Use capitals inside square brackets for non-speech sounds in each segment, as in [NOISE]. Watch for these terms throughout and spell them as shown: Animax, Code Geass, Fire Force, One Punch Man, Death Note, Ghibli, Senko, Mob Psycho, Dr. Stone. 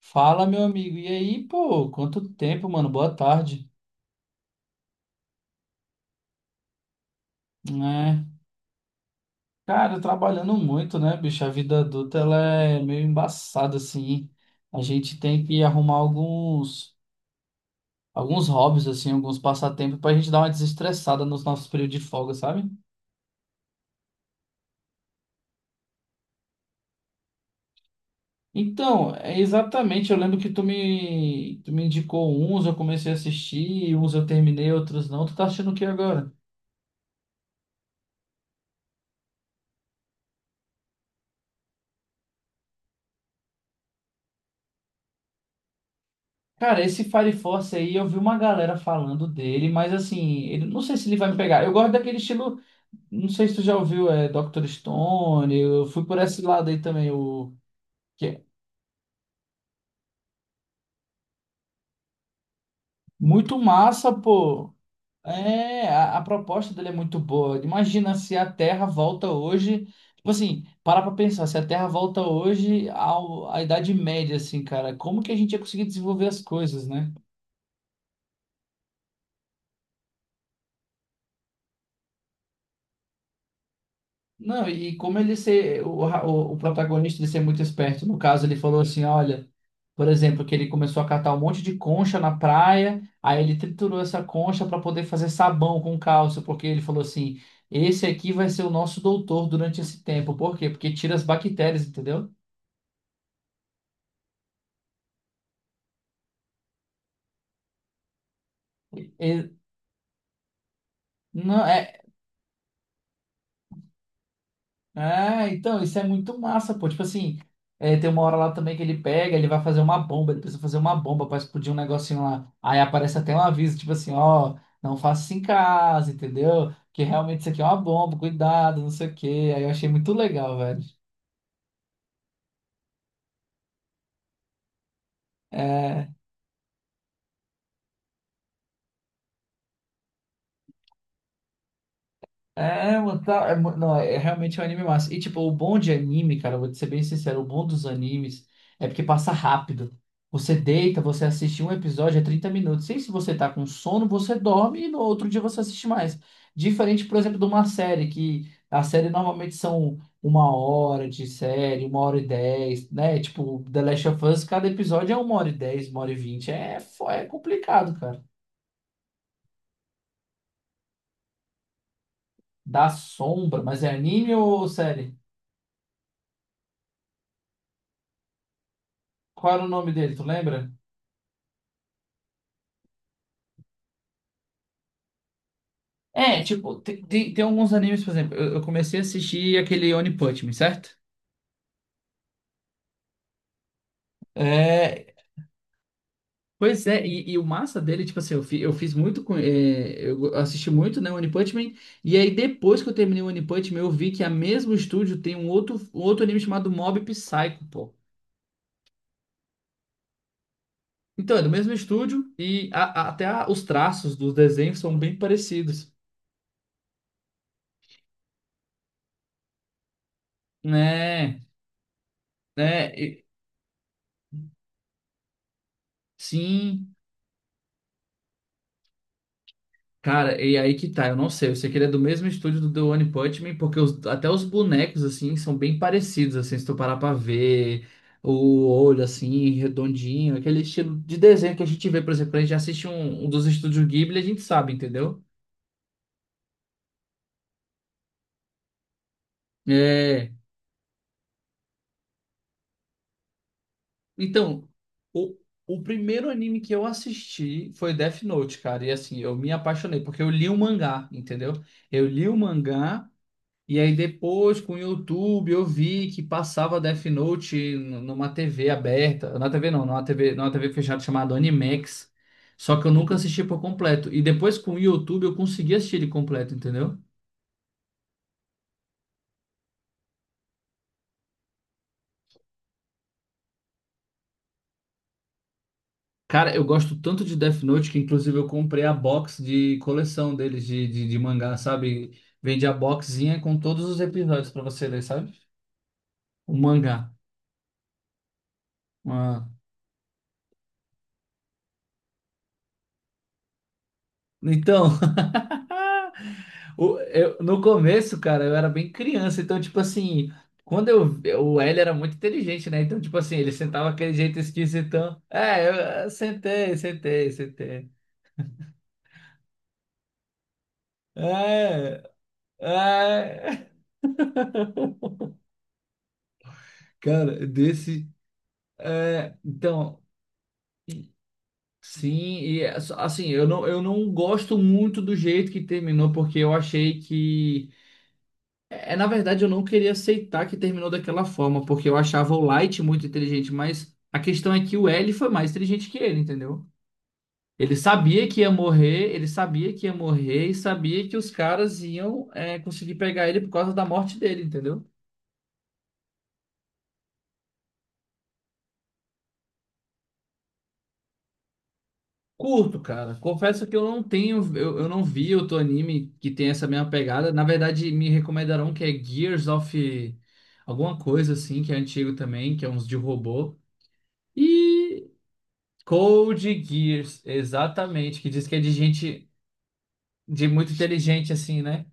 Fala, meu amigo. E aí, pô, quanto tempo, mano? Boa tarde, né? Cara, trabalhando muito, né, bicho? A vida adulta, ela é meio embaçada, assim. A gente tem que arrumar alguns hobbies, assim, alguns passatempos pra gente dar uma desestressada nos nossos períodos de folga, sabe? Então, é exatamente, eu lembro que tu me indicou uns, eu comecei a assistir, uns eu terminei, outros não. Tu tá assistindo o que agora? Cara, esse Fire Force aí, eu vi uma galera falando dele, mas assim, ele, não sei se ele vai me pegar. Eu gosto daquele estilo, não sei se tu já ouviu, é Dr. Stone, eu fui por esse lado aí também, o que é muito massa, pô. É, a proposta dele é muito boa. Imagina se a Terra volta hoje, tipo assim, para pra pensar, se a Terra volta hoje ao, à Idade Média, assim, cara, como que a gente ia conseguir desenvolver as coisas, né? Não, e como ele ser, o protagonista de ser muito esperto, no caso, ele falou assim, olha, por exemplo, que ele começou a catar um monte de concha na praia, aí ele triturou essa concha para poder fazer sabão com cálcio, porque ele falou assim, esse aqui vai ser o nosso doutor durante esse tempo. Por quê? Porque tira as bactérias, entendeu? E- não, é, é, então, isso é muito massa, pô. Tipo assim, é, tem uma hora lá também que ele pega, ele vai fazer uma bomba, ele precisa fazer uma bomba pra explodir um negocinho lá. Aí aparece até um aviso, tipo assim, ó, não faça isso em casa, entendeu? Que realmente isso aqui é uma bomba, cuidado, não sei o quê. Aí eu achei muito legal, velho. É. É, mano, tá, é, não, é realmente um anime massa. E tipo, o bom de anime, cara, eu vou te ser bem sincero, o bom dos animes é porque passa rápido. Você deita, você assiste um episódio é 30 minutos. E se você tá com sono, você dorme e no outro dia você assiste mais. Diferente, por exemplo, de uma série, que a série normalmente são uma hora de série, uma hora e dez, né? Tipo, The Last of Us, cada episódio é uma hora e dez, uma hora e vinte. É, é complicado, cara. Dá sombra, mas é anime ou série? Qual era o nome dele, tu lembra? É, tipo, tem alguns animes, por exemplo, eu comecei a assistir aquele One Punch Man, certo? É, pois é, e o massa dele, tipo assim, eu fiz muito com. É, eu assisti muito, né, One Punch Man, e aí depois que eu terminei o One Punch Man, eu vi que a mesmo estúdio tem um outro, anime chamado Mob Psycho, pô. Então, é do mesmo estúdio, e os traços dos desenhos são bem parecidos, né? Né? Sim. Cara, e aí que tá, eu não sei. Eu sei que ele é do mesmo estúdio do The One Punch Man, porque até os bonecos, assim, são bem parecidos, assim, se tu parar pra ver o olho, assim, redondinho, aquele estilo de desenho que a gente vê, por exemplo, quando a gente assiste um dos estúdios Ghibli, a gente sabe, entendeu? É. Então, o, o primeiro anime que eu assisti foi Death Note, cara, e assim, eu me apaixonei, porque eu li o mangá, entendeu? Eu li o mangá. E aí depois com o YouTube eu vi que passava Death Note numa TV aberta, na TV não, numa TV, numa TV fechada chamada Animax. Só que eu nunca assisti por completo. E depois com o YouTube eu consegui assistir ele completo, entendeu? Cara, eu gosto tanto de Death Note que inclusive eu comprei a box de coleção deles de mangá, sabe? Vende a boxinha com todos os episódios pra você ler, sabe? O mangá. Ah. Então, [LAUGHS] no começo, cara, eu era bem criança, então, tipo assim, quando eu. O L era muito inteligente, né? Então, tipo assim, ele sentava aquele jeito esquisitão. É, eu sentei, sentei, sentei. É, é. [LAUGHS] Cara, desse. É, então, sim, e é assim, eu não gosto muito do jeito que terminou, porque eu achei que. É, na verdade, eu não queria aceitar que terminou daquela forma, porque eu achava o Light muito inteligente, mas a questão é que o L foi mais inteligente que ele, entendeu? Ele sabia que ia morrer, ele sabia que ia morrer e sabia que os caras iam, é, conseguir pegar ele por causa da morte dele, entendeu? Curto, cara. Confesso que eu não tenho, eu não vi outro anime que tem essa mesma pegada. Na verdade, me recomendaram que é Gears of alguma coisa assim, que é antigo também, que é uns de robô. E Code Geass, exatamente, que diz que é de gente de muito inteligente assim, né?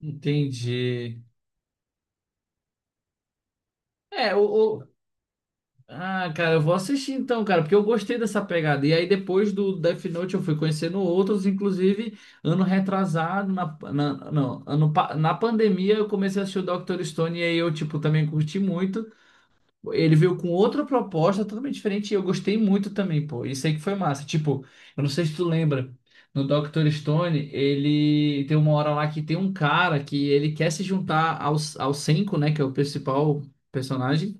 Entendi. É. O- Ah, cara, eu vou assistir então, cara, porque eu gostei dessa pegada. E aí depois do Death Note eu fui conhecendo outros, inclusive ano retrasado na, na não, na pandemia eu comecei a assistir o Dr. Stone e aí eu tipo também curti muito. Ele veio com outra proposta totalmente diferente e eu gostei muito também, pô. Isso aí que foi massa. Tipo, eu não sei se tu lembra, no Dr. Stone, ele tem uma hora lá que tem um cara que ele quer se juntar aos ao Senko, né, que é o principal personagem,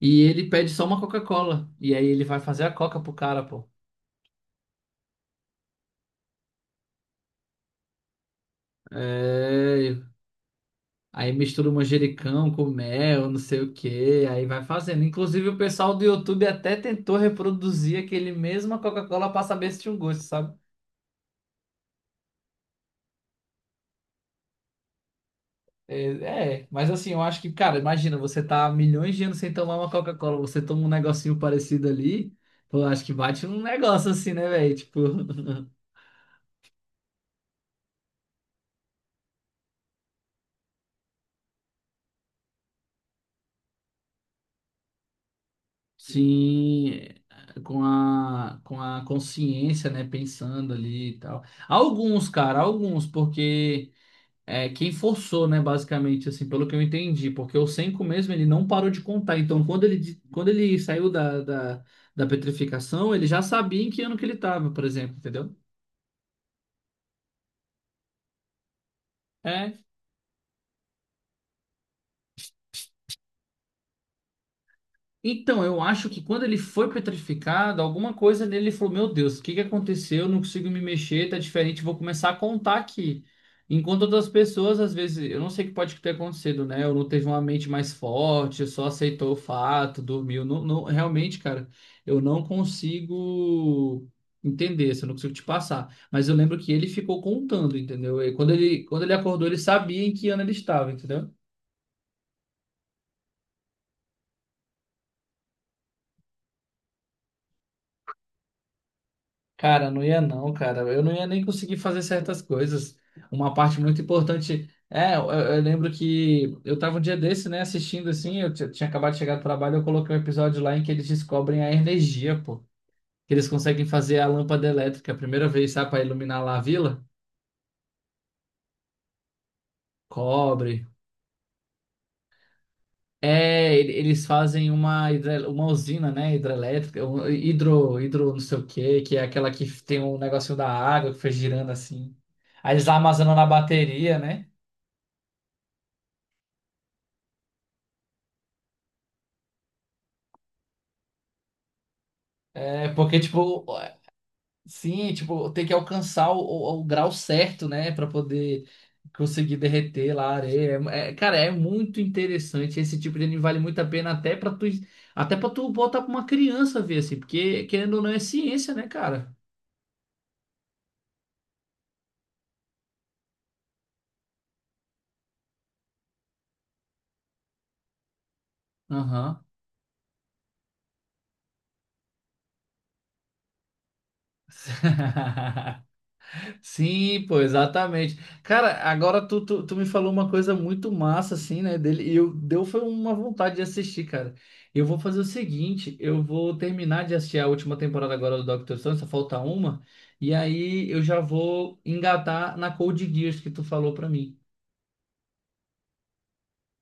e ele pede só uma Coca-Cola. E aí ele vai fazer a Coca pro cara, pô. É, aí mistura o manjericão com mel, não sei o que, aí vai fazendo. Inclusive, o pessoal do YouTube até tentou reproduzir aquele mesmo a Coca-Cola pra saber se tinha um gosto, sabe? É, é, mas assim, eu acho que, cara, imagina, você tá há milhões de anos sem tomar uma Coca-Cola, você toma um negocinho parecido ali, eu acho que bate num negócio assim, né, velho? Tipo, [LAUGHS] sim, com a consciência, né, pensando ali e tal. Alguns, cara, alguns, porque é, quem forçou, né, basicamente, assim, pelo que eu entendi, porque o Senko mesmo, ele não parou de contar, então quando ele, quando ele saiu da, da petrificação, ele já sabia em que ano que ele tava, por exemplo, entendeu? É, então, eu acho que quando ele foi petrificado, alguma coisa nele falou: Meu Deus, o que que aconteceu? Eu não consigo me mexer, tá diferente, vou começar a contar aqui. Enquanto outras pessoas, às vezes, eu não sei o que pode ter acontecido, né? Ou não teve uma mente mais forte, só aceitou o fato, dormiu. Não, realmente, cara, eu não consigo entender, isso, eu não consigo te passar. Mas eu lembro que ele ficou contando, entendeu? E quando ele acordou, ele sabia em que ano ele estava, entendeu? Cara, não ia não, cara. Eu não ia nem conseguir fazer certas coisas. Uma parte muito importante. É, eu lembro que eu tava um dia desse, né, assistindo assim, tinha acabado de chegar do trabalho, eu coloquei um episódio lá em que eles descobrem a energia, pô. Que eles conseguem fazer a lâmpada elétrica a primeira vez, sabe, pra iluminar lá a vila? Cobre. É, eles fazem uma usina, né, hidrelétrica, um hidro, hidro não sei o quê, que é aquela que tem um negocinho da água que foi girando assim. Aí eles armazenam na bateria, né? É porque, tipo, sim, tipo, tem que alcançar o grau certo, né, pra poder conseguir derreter lá a areia. Cara, é muito interessante. Esse tipo de anime vale muito a pena até para tu botar pra uma criança ver, assim, porque querendo ou não é ciência, né, cara? Aham. [LAUGHS] Sim, pô, exatamente. Cara, agora tu me falou uma coisa muito massa, assim, né, dele, e eu, deu foi uma vontade de assistir, cara. Eu vou fazer o seguinte, eu vou terminar de assistir a última temporada agora do Doctor Stone, só falta uma, e aí eu já vou engatar na Code Geass que tu falou pra mim.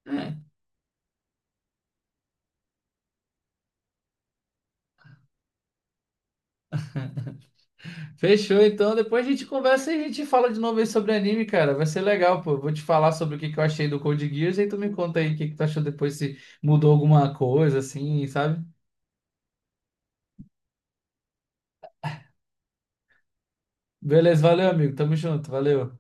É. Fechou, então, depois a gente conversa e a gente fala de novo aí sobre anime, cara. Vai ser legal, pô. Eu vou te falar sobre o que que eu achei do Code Geass, e tu me conta aí o que que tu achou depois, se mudou alguma coisa, assim, sabe? Beleza, valeu, amigo. Tamo junto, valeu.